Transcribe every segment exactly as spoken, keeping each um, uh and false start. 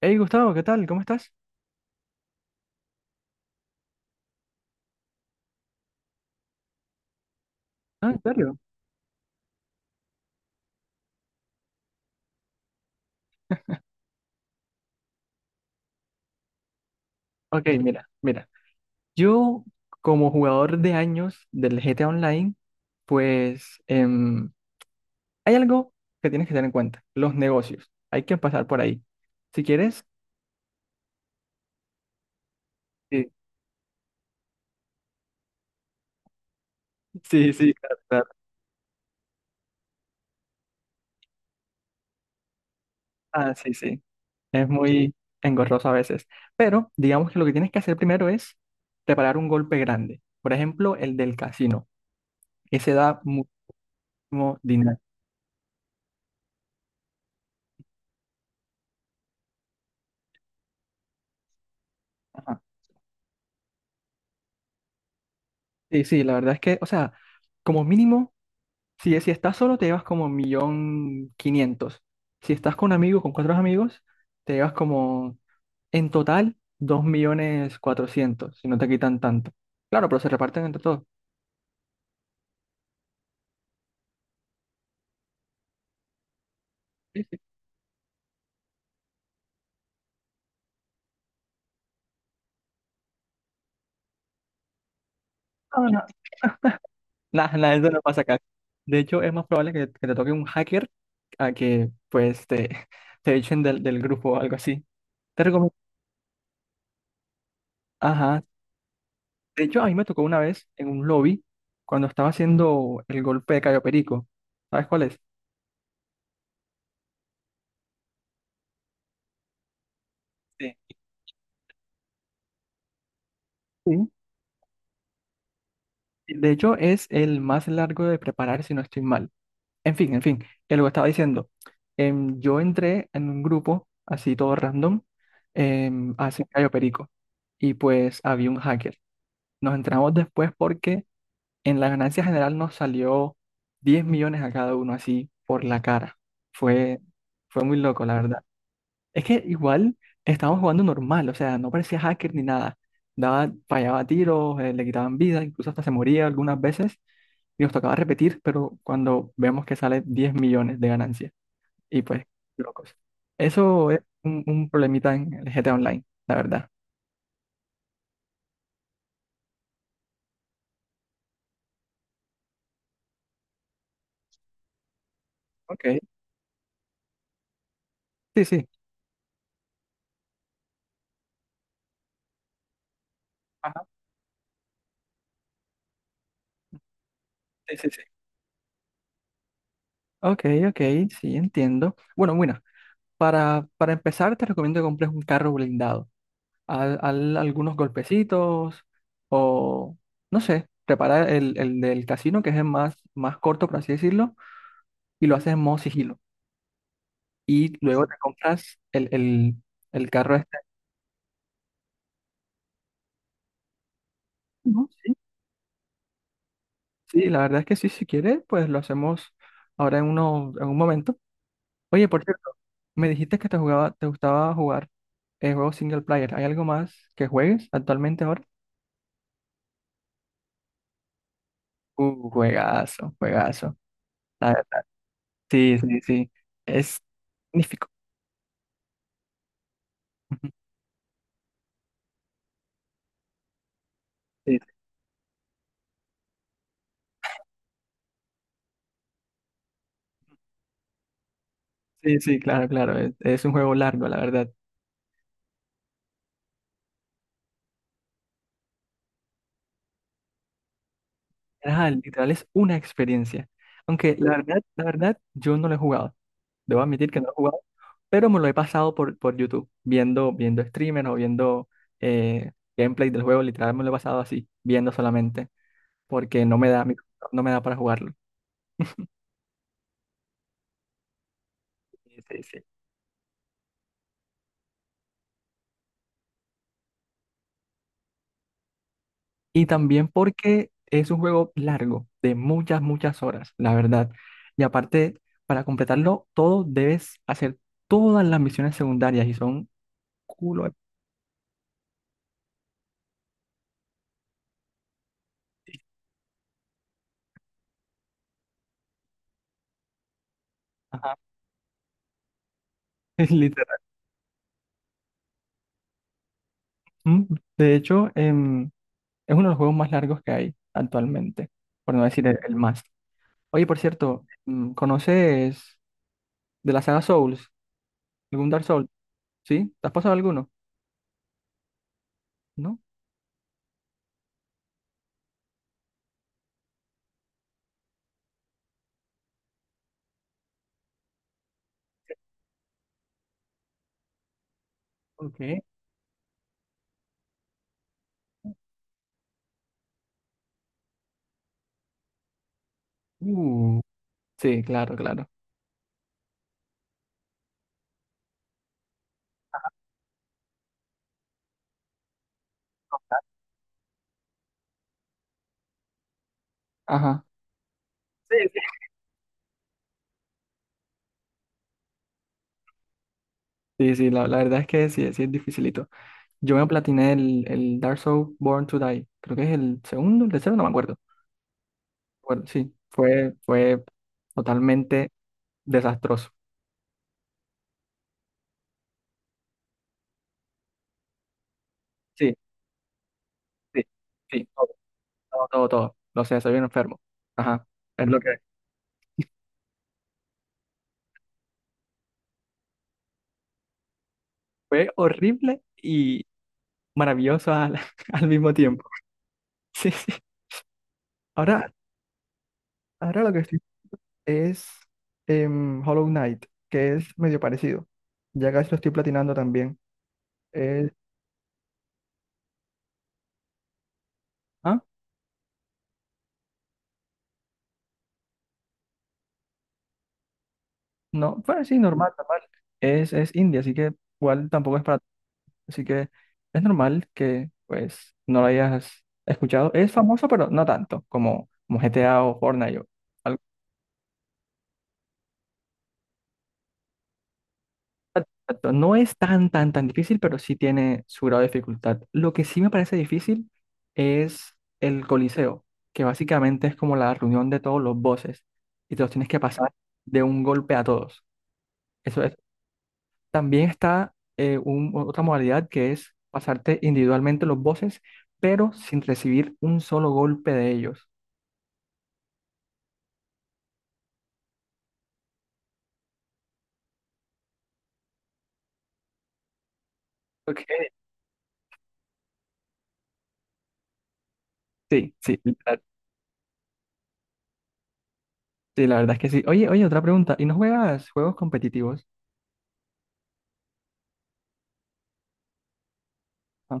Hey Gustavo, ¿qué tal? ¿Cómo estás? Ah, ¿en serio? Ok, mira, mira. Yo, como jugador de años del G T A Online, pues em, hay algo que tienes que tener en cuenta, los negocios. Hay que pasar por ahí. Si quieres, sí, sí, sí, claro, claro. Ah, sí, sí. Es muy engorroso a veces. Pero digamos que lo que tienes que hacer primero es preparar un golpe grande. Por ejemplo, el del casino. Ese da muchísimo dinero. Ajá. Sí, sí, la verdad es que, o sea, como mínimo. Si, si estás solo, te llevas como un millón quinientos. Si estás con un amigo, con cuatro amigos, te llevas como en total dos millones cuatrocientos, si no te quitan tanto. Claro, pero se reparten entre todos. Sí, sí. No, no. Nah, nah, eso no pasa acá. De hecho, es más probable que, que te toque un hacker a que pues te, te echen del, del grupo o algo así. Te recomiendo. Ajá. De hecho, a mí me tocó una vez en un lobby cuando estaba haciendo el golpe de Cayo Perico. ¿Sabes cuál es? Sí. Sí. De hecho, es el más largo de preparar, si no estoy mal. En fin, en fin, que lo que estaba diciendo. Em, yo entré en un grupo, así todo random, em, hace Cayo Perico. Y pues había un hacker. Nos entramos después porque en la ganancia general nos salió diez millones a cada uno, así por la cara. Fue, fue muy loco, la verdad. Es que igual estábamos jugando normal, o sea, no parecía hacker ni nada. Daba, fallaba tiros, eh, le quitaban vida, incluso hasta se moría algunas veces y nos tocaba repetir, pero cuando vemos que sale diez millones de ganancia y pues, locos. Eso es un, un problemita en el G T A Online, la verdad. Ok, sí, sí. Ajá, sí, sí, sí. Ok, ok, sí, entiendo. Bueno, bueno, para, para empezar te recomiendo que compres un carro blindado. Al, al- algunos golpecitos o, no sé, preparar el, el del casino, que es el más, más corto, por así decirlo, y lo haces en modo sigilo. Y luego te compras el, el, el carro este. ¿No? Sí, sí, la verdad es que sí, si quieres, pues lo hacemos ahora en, uno, en un momento. Oye, por cierto, me dijiste que te jugaba, te gustaba jugar eh, juegos single player. ¿Hay algo más que juegues actualmente ahora? Uh, juegazo, juegazo. La verdad, sí, sí, sí. Es magnífico. Sí, sí, sí, claro, claro. Es, es un juego largo, la verdad. Ajá, literal es una experiencia. Aunque la verdad, la verdad, yo no lo he jugado. Debo admitir que no lo he jugado, pero me lo he pasado por, por YouTube, viendo, viendo streamers o viendo eh, gameplay del juego. Literal me lo he pasado así, viendo solamente, porque no me da, mi- no me da para jugarlo. Sí, sí, sí. Y también porque es un juego largo, de muchas, muchas horas, la verdad. Y aparte, para completarlo todo, debes hacer todas las misiones secundarias y son culo. de- Ajá, es literal. Mm, De hecho, em, es uno de los juegos más largos que hay actualmente, por no decir el, el más. Oye, por cierto, mm, ¿conoces de la saga Souls? ¿Algún Dark Souls? ¿Sí? ¿Te has pasado alguno? ¿No? Ok. Uh, sí, claro, claro. Ajá. Sí, sí, la, la verdad es que sí, sí es dificilito. Yo me platiné el, el Dark Souls Born to Die. Creo que es el segundo, el tercero, no me acuerdo. Bueno, sí, fue, fue totalmente desastroso. Sí, sí, sí, todo, todo, todo, todo. No sé, soy bien enfermo. Ajá, es lo que fue horrible y maravilloso al, al mismo tiempo. Sí, sí. Ahora, ahora lo que estoy es em, Hollow Knight, que es medio parecido. Ya casi lo estoy platinando también. Es, ¿Ah? No, pues sí, normal, normal. Es, es India así que igual tampoco es para. Así que es normal que pues no lo hayas escuchado. Es famoso, pero no tanto como, como G T A o Fortnite o algo. Exacto, no es tan, tan, tan difícil, pero sí tiene su grado de dificultad. Lo que sí me parece difícil es el Coliseo, que básicamente es como la reunión de todos los bosses y te los tienes que pasar de un golpe a todos. Eso es También está eh, un- otra modalidad que es pasarte individualmente los bosses, pero sin recibir un solo golpe de ellos. Ok. Sí, sí, la, sí, la verdad es que sí. Oye, oye, otra pregunta. ¿Y no juegas juegos competitivos? Ah,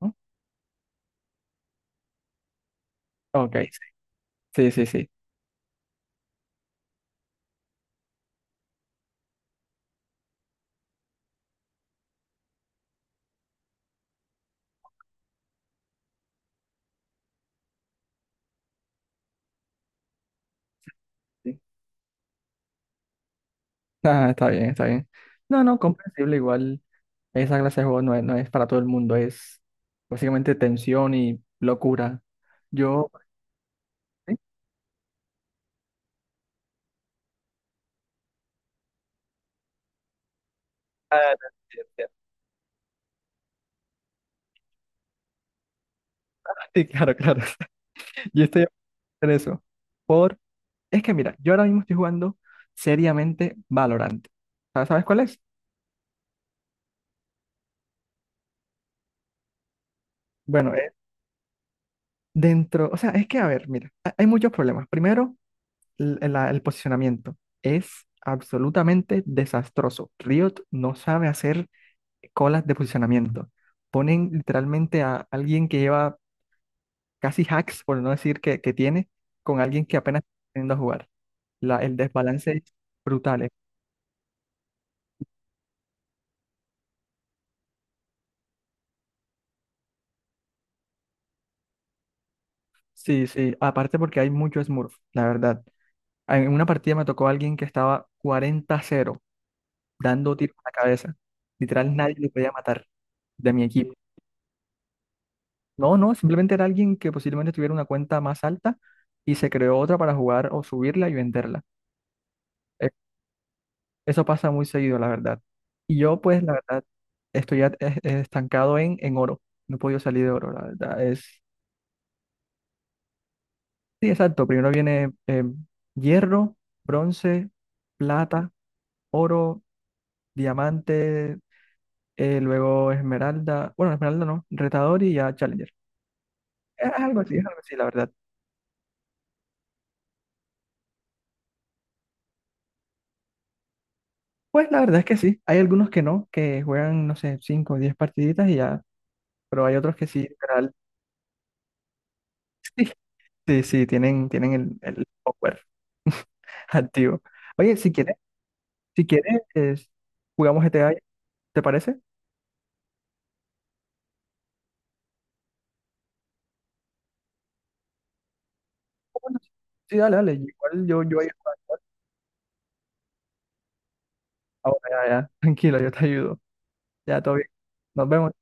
¿no? Ok, sí, sí, sí, sí. Ah, está bien, está bien. No, no, comprensible. Igual esa clase de juego no es, no es para todo el mundo. Es básicamente tensión y locura. Yo. Sí, ah, sí, sí, sí, claro, claro. Yo estoy en eso. Por. Es que mira, yo ahora mismo estoy jugando seriamente Valorant. ¿Sabes, sabes cuál es? Bueno, eh, dentro, o sea, es que a ver, mira, ha- hay muchos problemas. Primero, l- la- el posicionamiento es absolutamente desastroso. Riot no sabe hacer colas de posicionamiento. Ponen literalmente a alguien que lleva casi hacks, por no decir que, que tiene, con alguien que apenas está aprendiendo a jugar. La, el desbalance es brutal. eh. Sí, sí, aparte porque hay mucho Smurf, la verdad. En una partida me tocó alguien que estaba cuarenta cero dando tiros a la cabeza. Literal, nadie le podía matar de mi equipo. No, no, simplemente era alguien que posiblemente tuviera una cuenta más alta y se creó otra para jugar o subirla y venderla. Eh, Eso pasa muy seguido, la verdad. Y yo, pues, la verdad, estoy at- es- es estancado en, en oro. No he podido salir de oro, la verdad. Es, sí, exacto. Primero viene eh, hierro, bronce, plata, oro, diamante. Eh, luego Esmeralda, bueno, Esmeralda no, Retador y ya Challenger. Es algo así, es algo así, la verdad. Pues la verdad es que sí, hay algunos que no, que juegan, no sé, cinco o diez partiditas y ya, pero hay otros que sí, literal, sí, sí, sí, tienen, tienen el, el software activo. Oye, si quieres, si quieres, es- jugamos G T A, ¿te parece? Ah, bueno, sí, dale, dale, igual yo, yo ahí- ahora ya, ya, tranquilo, yo te ayudo. Ya, todo bien. Nos vemos.